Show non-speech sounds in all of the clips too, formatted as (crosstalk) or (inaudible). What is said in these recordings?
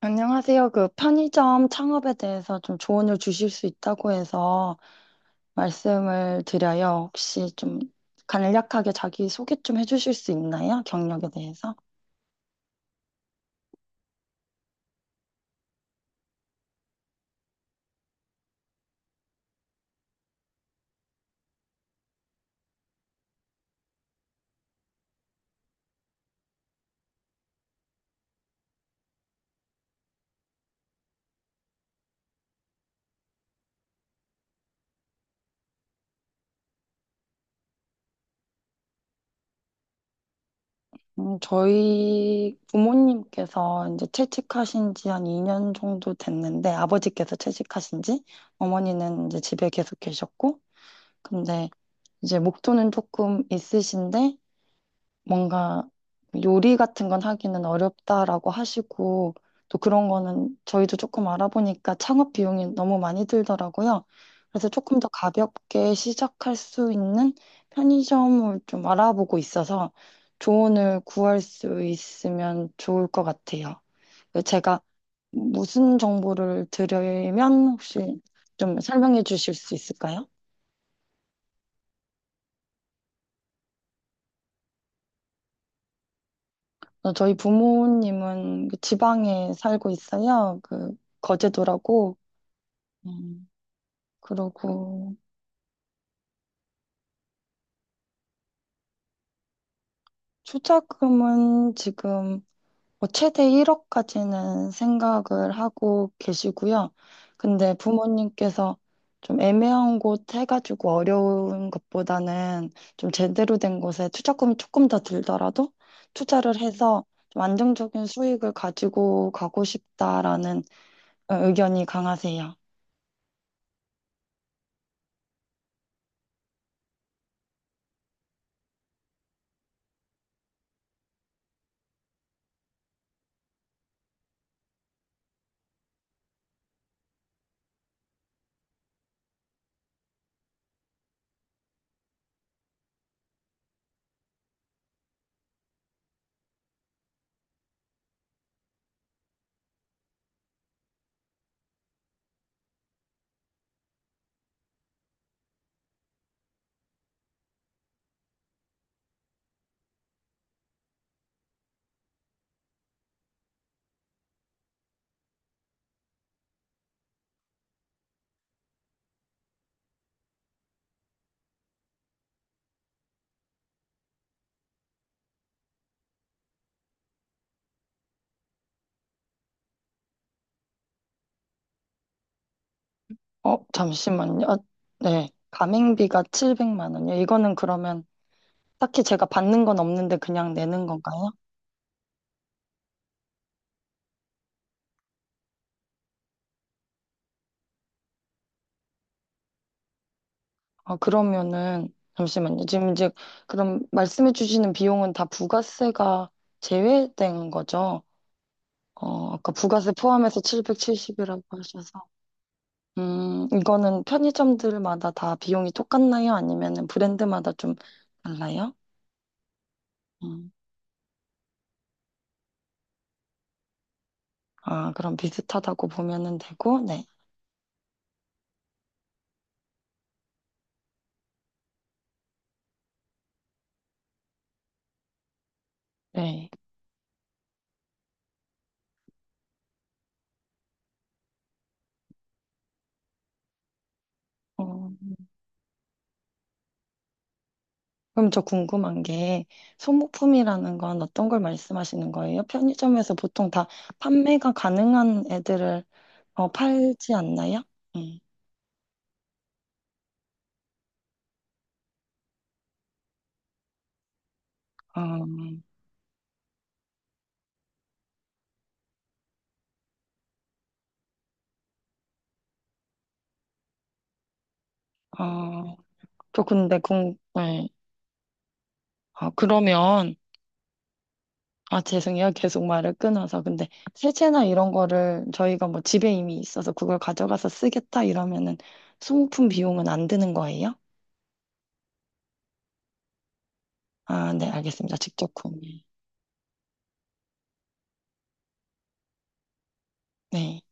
안녕하세요. 그 편의점 창업에 대해서 좀 조언을 주실 수 있다고 해서 말씀을 드려요. 혹시 좀 간략하게 자기 소개 좀 해주실 수 있나요? 경력에 대해서? 저희 부모님께서 이제 퇴직하신 지 한 2년 정도 됐는데 아버지께서 퇴직하신 지 어머니는 이제 집에 계속 계셨고 근데 이제 목표는 조금 있으신데 뭔가 요리 같은 건 하기는 어렵다라고 하시고 또 그런 거는 저희도 조금 알아보니까 창업 비용이 너무 많이 들더라고요. 그래서 조금 더 가볍게 시작할 수 있는 편의점을 좀 알아보고 있어서 조언을 구할 수 있으면 좋을 것 같아요. 제가 무슨 정보를 드리면 혹시 좀 설명해 주실 수 있을까요? 저희 부모님은 그 지방에 살고 있어요. 그 거제도라고. 음. 그러고 투자금은 지금 뭐 최대 1억까지는 생각을 하고 계시고요. 근데 부모님께서 좀 애매한 곳 해가지고 어려운 것보다는 좀 제대로 된 곳에 투자금이 조금 더 들더라도 투자를 해서 좀 안정적인 수익을 가지고 가고 싶다라는 의견이 강하세요. 잠시만요. 아, 네. 가맹비가 700만 원이요. 이거는 그러면 딱히 제가 받는 건 없는데 그냥 내는 건가요? 아, 그러면은 잠시만요. 지금 이제 그럼 말씀해 주시는 비용은 다 부가세가 제외된 거죠? 아까 부가세 포함해서 770이라고 하셔서. 이거는 편의점들마다 다 비용이 똑같나요? 아니면은 브랜드마다 좀 달라요? 음, 아, 그럼 비슷하다고 보면은 되고, 네. 네. 어, 그럼 저 궁금한 게 소모품이라는 건 어떤 걸 말씀하시는 거예요? 편의점에서 보통 다 판매가 가능한 애들을 팔지 않나요? 음. 어, 어, 저 근데 네. 아, 그러면 아 죄송해요 계속 말을 끊어서 근데 세제나 이런 거를 저희가 뭐 집에 이미 있어서 그걸 가져가서 쓰겠다 이러면은 소모품 비용은 안 드는 거예요? 아, 네 알겠습니다. 직접 구매. 네.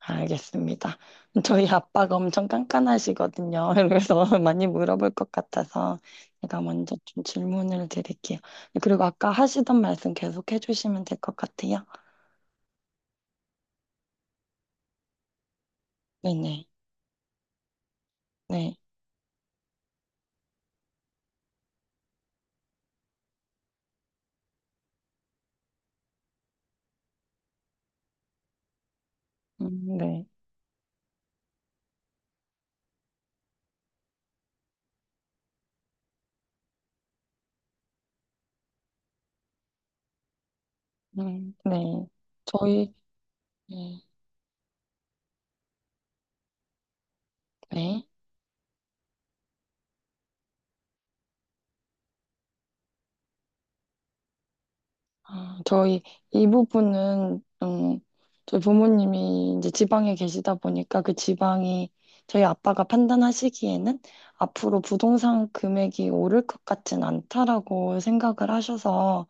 알겠습니다. 저희 아빠가 엄청 깐깐하시거든요. (laughs) 그래서 많이 물어볼 것 같아서 제가 먼저 좀 질문을 드릴게요. 그리고 아까 하시던 말씀 계속 해주시면 될 것 같아요. 네네. 네. 네. 네. 저희, 네. 네. 아, 저희 이 부분은 저희 부모님이 이제 지방에 계시다 보니까 그 지방이 저희 아빠가 판단하시기에는 앞으로 부동산 금액이 오를 것 같진 않다라고 생각을 하셔서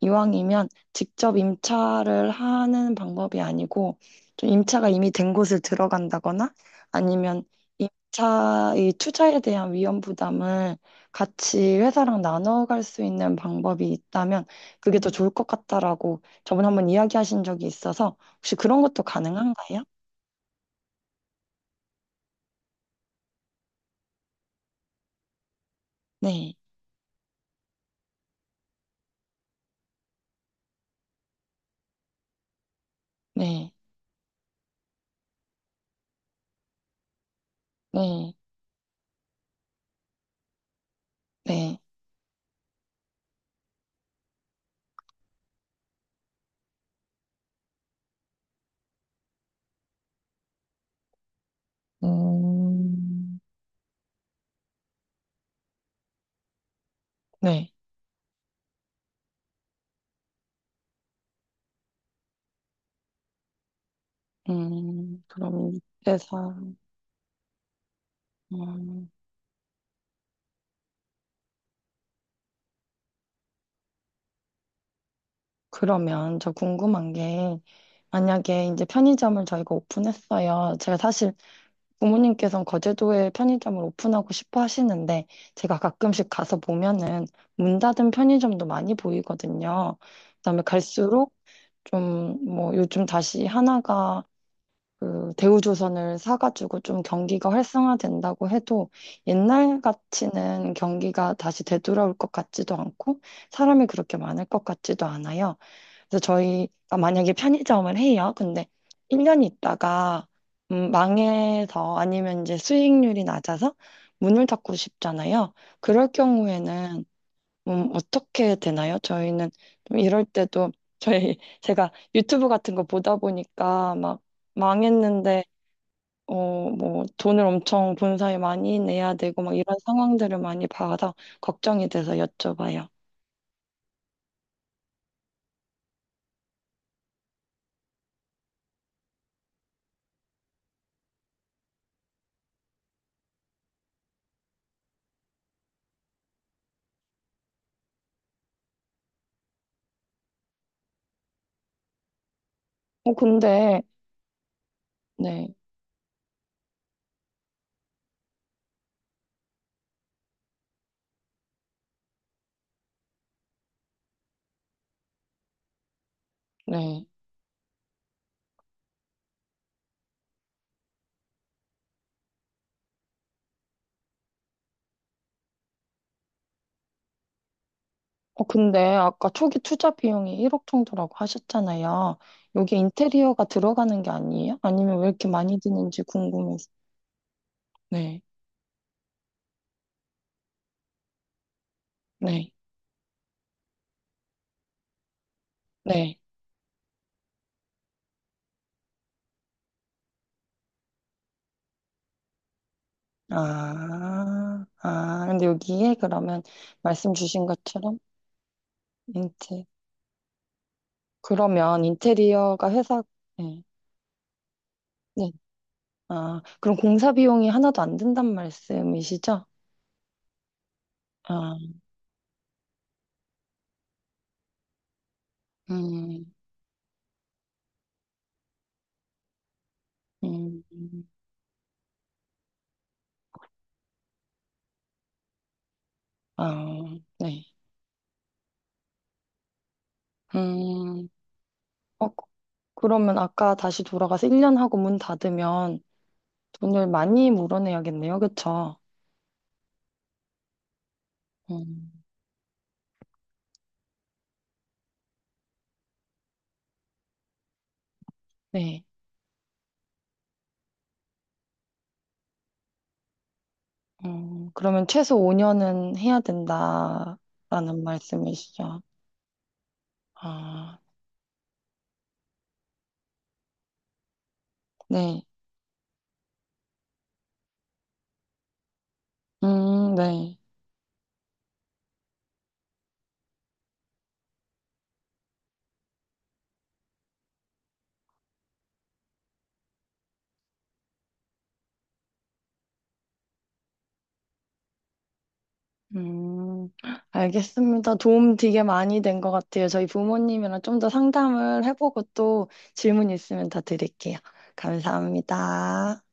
이왕이면 직접 임차를 하는 방법이 아니고 좀 임차가 이미 된 곳을 들어간다거나 아니면 임차의 투자에 대한 위험 부담을 같이 회사랑 나눠갈 수 있는 방법이 있다면 그게 더 좋을 것 같다라고 저번에 한번 이야기하신 적이 있어서 혹시 그런 것도 가능한가요? 네, 네, 네, 네, 음, 네. 그럼 회사, 음, 그러면 저 궁금한 게 만약에 이제 편의점을 저희가 오픈했어요. 제가 사실 부모님께서는 거제도에 편의점을 오픈하고 싶어 하시는데 제가 가끔씩 가서 보면은 문 닫은 편의점도 많이 보이거든요. 그다음에 갈수록 좀 뭐 요즘 다시 하나가 그 대우조선을 사가지고 좀 경기가 활성화된다고 해도 옛날 같이는 경기가 다시 되돌아올 것 같지도 않고 사람이 그렇게 많을 것 같지도 않아요. 그래서 저희가 만약에 편의점을 해요. 근데 1년 있다가 망해서 아니면 이제 수익률이 낮아서 문을 닫고 싶잖아요. 그럴 경우에는 어떻게 되나요? 저희는 좀 이럴 때도 저희 (laughs) 제가 유튜브 같은 거 보다 보니까 막 망했는데 뭐 돈을 엄청 본사에 많이 내야 되고 막 이런 상황들을 많이 봐서 걱정이 돼서 여쭤봐요. 근데 네, 네. 근데 아까 초기 투자 비용이 1억 정도라고 하셨잖아요. 여기 인테리어가 들어가는 게 아니에요? 아니면 왜 이렇게 많이 드는지 궁금해서. 네, 네, 네. 아, 아, 근데 여기에 그러면 말씀 주신 것처럼 인테, 그러면 인테리어가 회사, 네, 네. 아, 그럼 공사 비용이 하나도 안 든단 말씀이시죠? 아, 음, 음, 음. 아, 네. 음. 어, 그- 러면 아까 다시 돌아가서 1년 하고 문 닫으면 돈을 많이 물어내야겠네요. 그쵸? 음, 네. 그러면 최소 5년은 해야 된다라는 말씀이시죠? 아, 네. 네. 음, 알겠습니다. 도움 되게 많이 된 것 같아요. 저희 부모님이랑 좀 더 상담을 해보고 또 질문 있으면 더 드릴게요. 감사합니다.